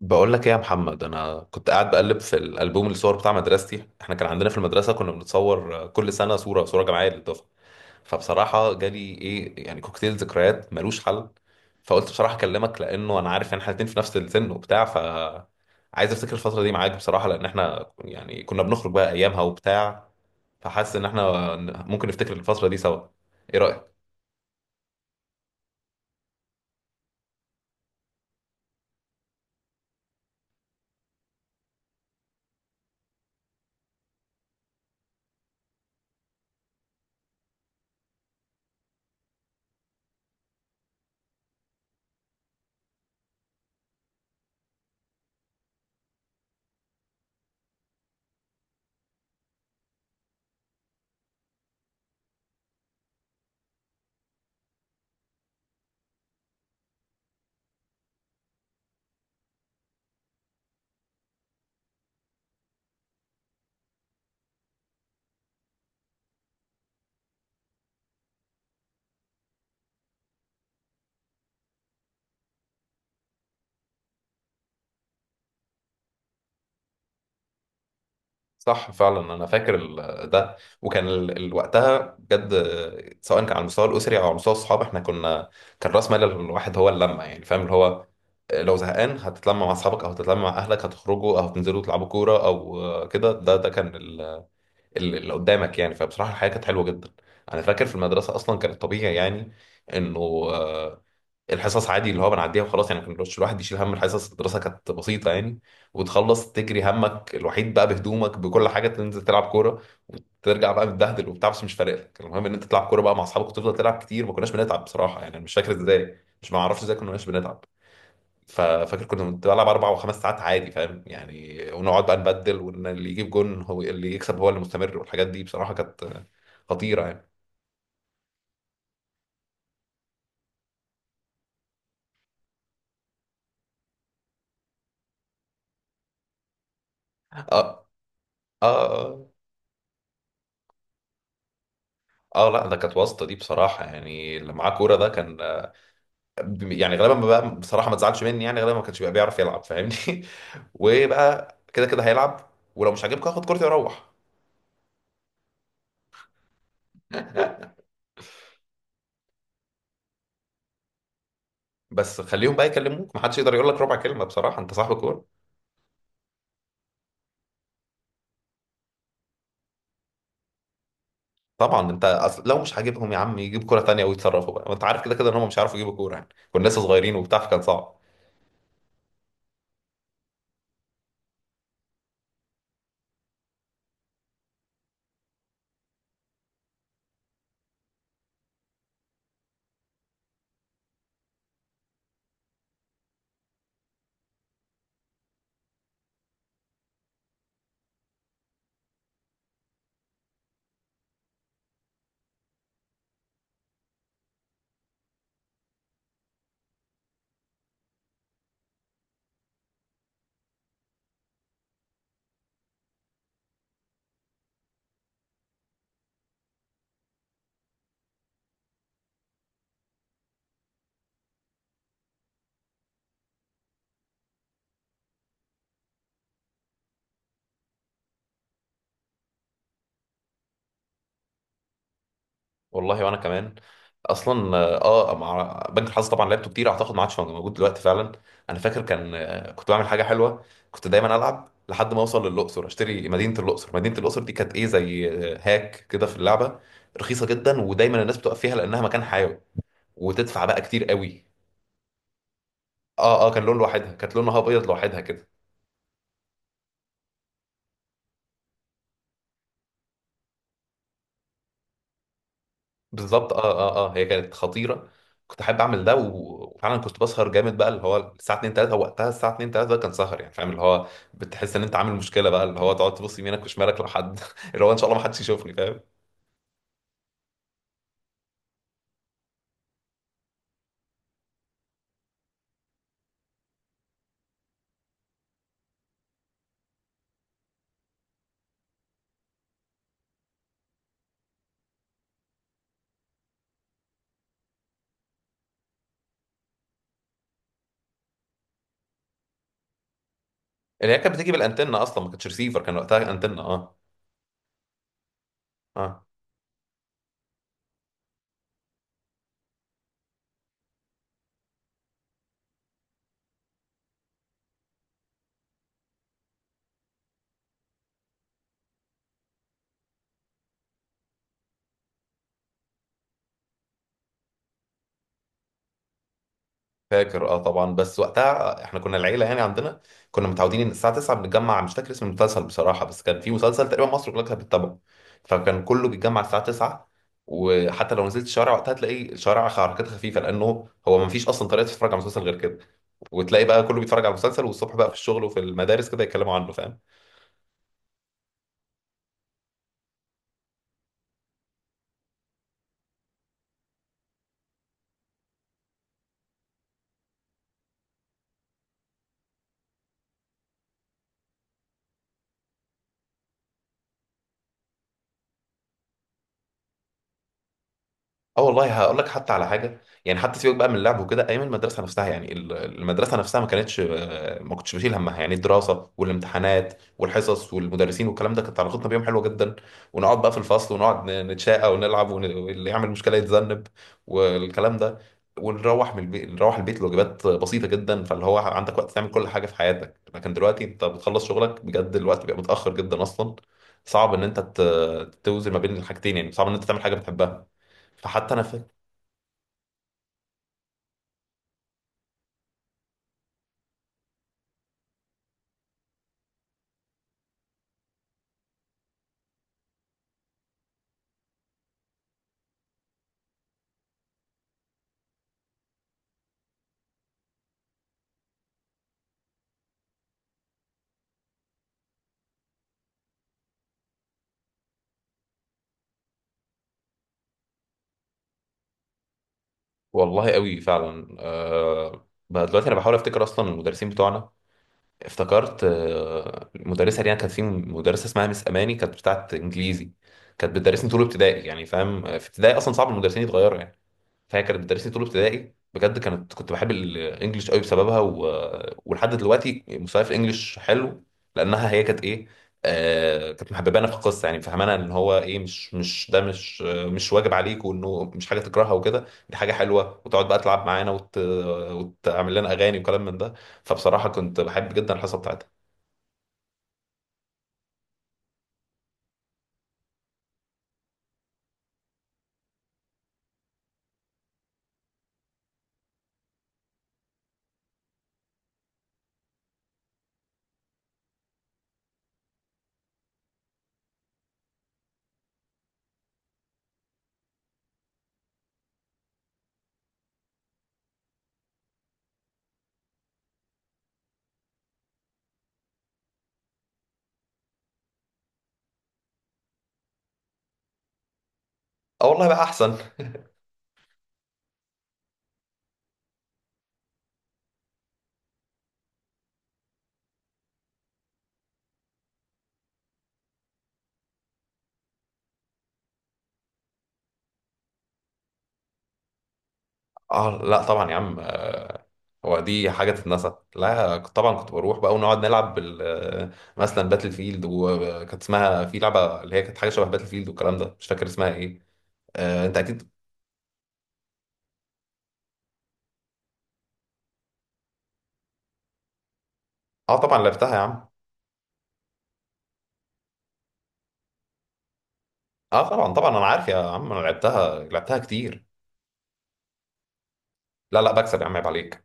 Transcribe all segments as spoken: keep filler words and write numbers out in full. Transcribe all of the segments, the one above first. بقول لك ايه يا محمد، انا كنت قاعد بقلب في الالبوم الصور بتاع مدرستي. احنا كان عندنا في المدرسه كنا بنتصور كل سنه صوره صوره جماعيه للدفعه. فبصراحه جالي ايه، يعني كوكتيل ذكريات ملوش حل. فقلت بصراحه اكلمك، لانه انا عارف ان احنا الاتنين في نفس السن وبتاع، ف عايز افتكر الفتره دي معاك بصراحه، لان احنا يعني كنا بنخرج بقى ايامها وبتاع. فحاسس ان احنا ممكن نفتكر الفتره دي سوا. ايه رايك؟ صح فعلا، انا فاكر ال- ده. وكان ال- ال- وقتها بجد سواء كان على المستوى الاسري او على مستوى الصحاب، احنا كنا، كان راس مال الواحد هو اللمه، يعني فاهم اللي هو، آه، لو زهقان هتتلم مع اصحابك او هتتلم مع اهلك، هتخرجوا او هتنزلوا تلعبوا كوره، او آه، كده، ده ده كان ال- ال- اللي قدامك يعني. فبصراحه الحياه كانت حلوه جدا. انا فاكر في المدرسه اصلا كان الطبيعي يعني انه، آه، الحصص عادي اللي هو بنعديها وخلاص، يعني ما كانش الواحد يشيل هم الحصص، الدراسه كانت بسيطه يعني. وتخلص تجري همك الوحيد بقى بهدومك بكل حاجه، تنزل تلعب كوره، وترجع بقى متبهدل وبتاع، بس مش فارق لك، المهم ان انت تلعب كوره بقى مع اصحابك وتفضل تلعب كتير. ما كناش بنتعب بصراحه يعني، انا مش فاكر ازاي، مش، ما اعرفش ازاي كناش بنتعب. ففاكر كنا بنلعب اربع وخمس ساعات عادي، فاهم يعني، ونقعد بقى نبدل، وان اللي يجيب جون هو اللي يكسب، هو اللي مستمر، والحاجات دي بصراحه كانت خطيره يعني. اه، اه، آه. اه، لا، ده كانت واسطه دي بصراحه يعني، اللي معاه كوره ده كان، يعني غالبا، ما بقى بصراحه ما تزعلش مني، يعني غالبا ما كانش بيبقى بيعرف يلعب، فاهمني. وبقى كده كده هيلعب، ولو مش عاجبك هاخد كورتي واروح. بس خليهم بقى يكلموك، ما حدش يقدر يقول لك ربع كلمه بصراحه، انت صاحب الكوره. طبعا انت أصل لو مش عاجبهم يا عم يجيب كوره تانيه ويتصرفوا بقى، وانت عارف كده كده ان هم مش عارفوا يجيبوا كوره، يعني كنا لسه صغيرين وبتاع فكان صعب. والله، وانا كمان. اصلا اه، آه، مع بنك الحظ طبعا لعبته كتير، اعتقد ما عادش موجود دلوقتي فعلا. انا فاكر كان، آه، كنت بعمل حاجه حلوه. كنت دايما العب لحد ما اوصل للاقصر، اشتري مدينه الاقصر. مدينه الاقصر دي كانت ايه، زي، آه، هاك كده في اللعبه، رخيصه جدا، ودايما الناس بتقف فيها لانها مكان حيوي، وتدفع بقى كتير قوي. اه اه، كان لون لوحدها، كانت لونها ابيض لوحدها كده. بالظبط. اه اه اه، هي كانت خطيره. كنت احب اعمل ده و- وفعلا كنت بسهر جامد بقى، اللي هو الساعه اتنين تلاته وقتها، الساعه اتنين تلاته ده كان سهر يعني، فاهم اللي هو، بتحس ان انت عامل مشكله بقى، اللي هو تقعد تبص يمينك وشمالك لو حد، اللي هو ان شاء الله ما حدش يشوفني، فاهم. اللي هي كانت بتيجي بالانتنه اصلا، ما كانتش ريسيفر، كان وقتها انتنه. اه. اه فاكر، اه طبعا، بس وقتها احنا كنا العيله يعني، عندنا كنا متعودين ان الساعه تسعه بنتجمع. مش فاكر اسم المسلسل بصراحه، بس كان في مسلسل تقريبا مصر كلها كانت بتتابعه، فكان كله بيتجمع الساعه تسعه. وحتى لو نزلت الشارع وقتها تلاقي الشارع حركات خفيفه، لانه هو ما فيش اصلا طريقه تتفرج على مسلسل غير كده. وتلاقي بقى كله بيتفرج على المسلسل، والصبح بقى في الشغل وفي المدارس كده يتكلموا عنه، فاهم. اه والله، هقول لك حتى على حاجه يعني، حتى سيبك بقى من اللعب وكده، ايام المدرسه نفسها، يعني ال- المدرسه نفسها ما كانتش، آه، ما كنتش بشيل همها، يعني الدراسه والامتحانات والحصص والمدرسين والكلام ده، كانت علاقتنا بيهم حلوه جدا، ونقعد بقى في الفصل ونقعد ن- نتشاقى ونلعب ون- واللي يعمل مشكله يتذنب والكلام ده. ونروح من البيت نروح البيت لواجبات بسيطه جدا، فاللي هو عندك وقت تعمل كل حاجه في حياتك، لكن دلوقتي انت بتخلص شغلك بجد الوقت بيبقى متاخر جدا اصلا، صعب ان انت ت- توزن ما بين الحاجتين يعني، صعب ان انت تعمل حاجه بتحبها. فحتى انا فاكر. والله قوي فعلا. أه بقى دلوقتي انا بحاول افتكر اصلا المدرسين بتوعنا. افتكرت، أه المدرسه دي أنا كانت في مدرسه اسمها مس اماني، كانت بتاعت انجليزي، كانت بتدرسني طول ابتدائي، يعني فاهم في ابتدائي اصلا صعب المدرسين يتغيروا يعني. فاكر مدرستي طول ابتدائي بجد، كانت كنت بحب الانجليش قوي بسببها، و... ولحد دلوقتي مستواي في الانجليش حلو، لانها هي كانت ايه، آه كانت محببانا في القصه، يعني فهمانا ان هو ايه، مش مش ده، مش آه، مش واجب عليك، وانه مش حاجه تكرهها وكده، دي حاجه حلوه، وتقعد بقى تلعب معانا وت... وتعمل لنا اغاني وكلام من ده. فبصراحه كنت بحب جدا الحصه بتاعتها. اه والله بقى احسن. اه، لا طبعا يا عم، آه، هو دي حاجه تتنسى؟ لا كنت- طبعا كنت بروح بقى ونقعد نلعب بال آه، مثلا باتل فيلد، وكانت اسمها في لعبه اللي هي كانت حاجه شبه باتل فيلد والكلام ده، مش فاكر اسمها ايه. آه انت اكيد. اه طبعا لعبتها يا عم. اه طبعا طبعا، انا عارف يا عم، انا لعبتها لعبتها كتير. لا لا بكسب يا عم، عيب عليك.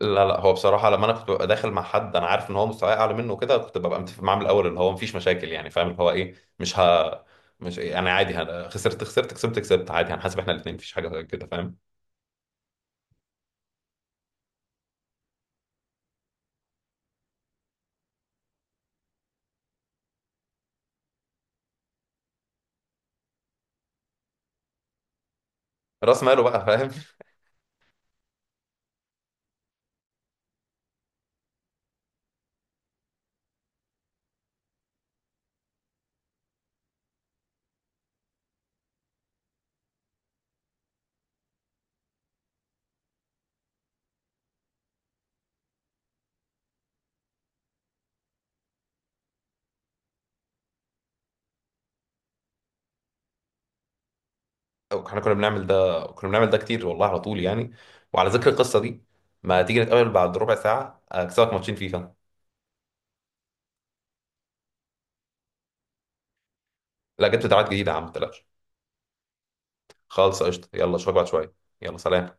لا، لا، هو بصراحة لما أنا كنت ببقى داخل مع حد، أنا عارف إن هو مستواي أعلى منه وكده، كنت ببقى متفق معاه من الأول اللي هو مفيش مشاكل يعني، فاهم اللي هو إيه، مش ه مش إيه، يعني عادي، هن... خسرت خسرت كسبت كسبت عادي، هنحاسب إحنا الاتنين، مفيش حاجة كده، فاهم. رأس ماله بقى فاهم. إحنا كنا بنعمل ده كنا بنعمل ده كتير والله، على طول يعني. وعلى ذكر القصة دي، ما تيجي نتقابل بعد ربع ساعة، أكسبك ماتشين فيفا. لا جبت دراعات جديدة يا عم، ما تقلقش. خالص قشطة، يلا أشوفك بعد شوية. يلا سلام.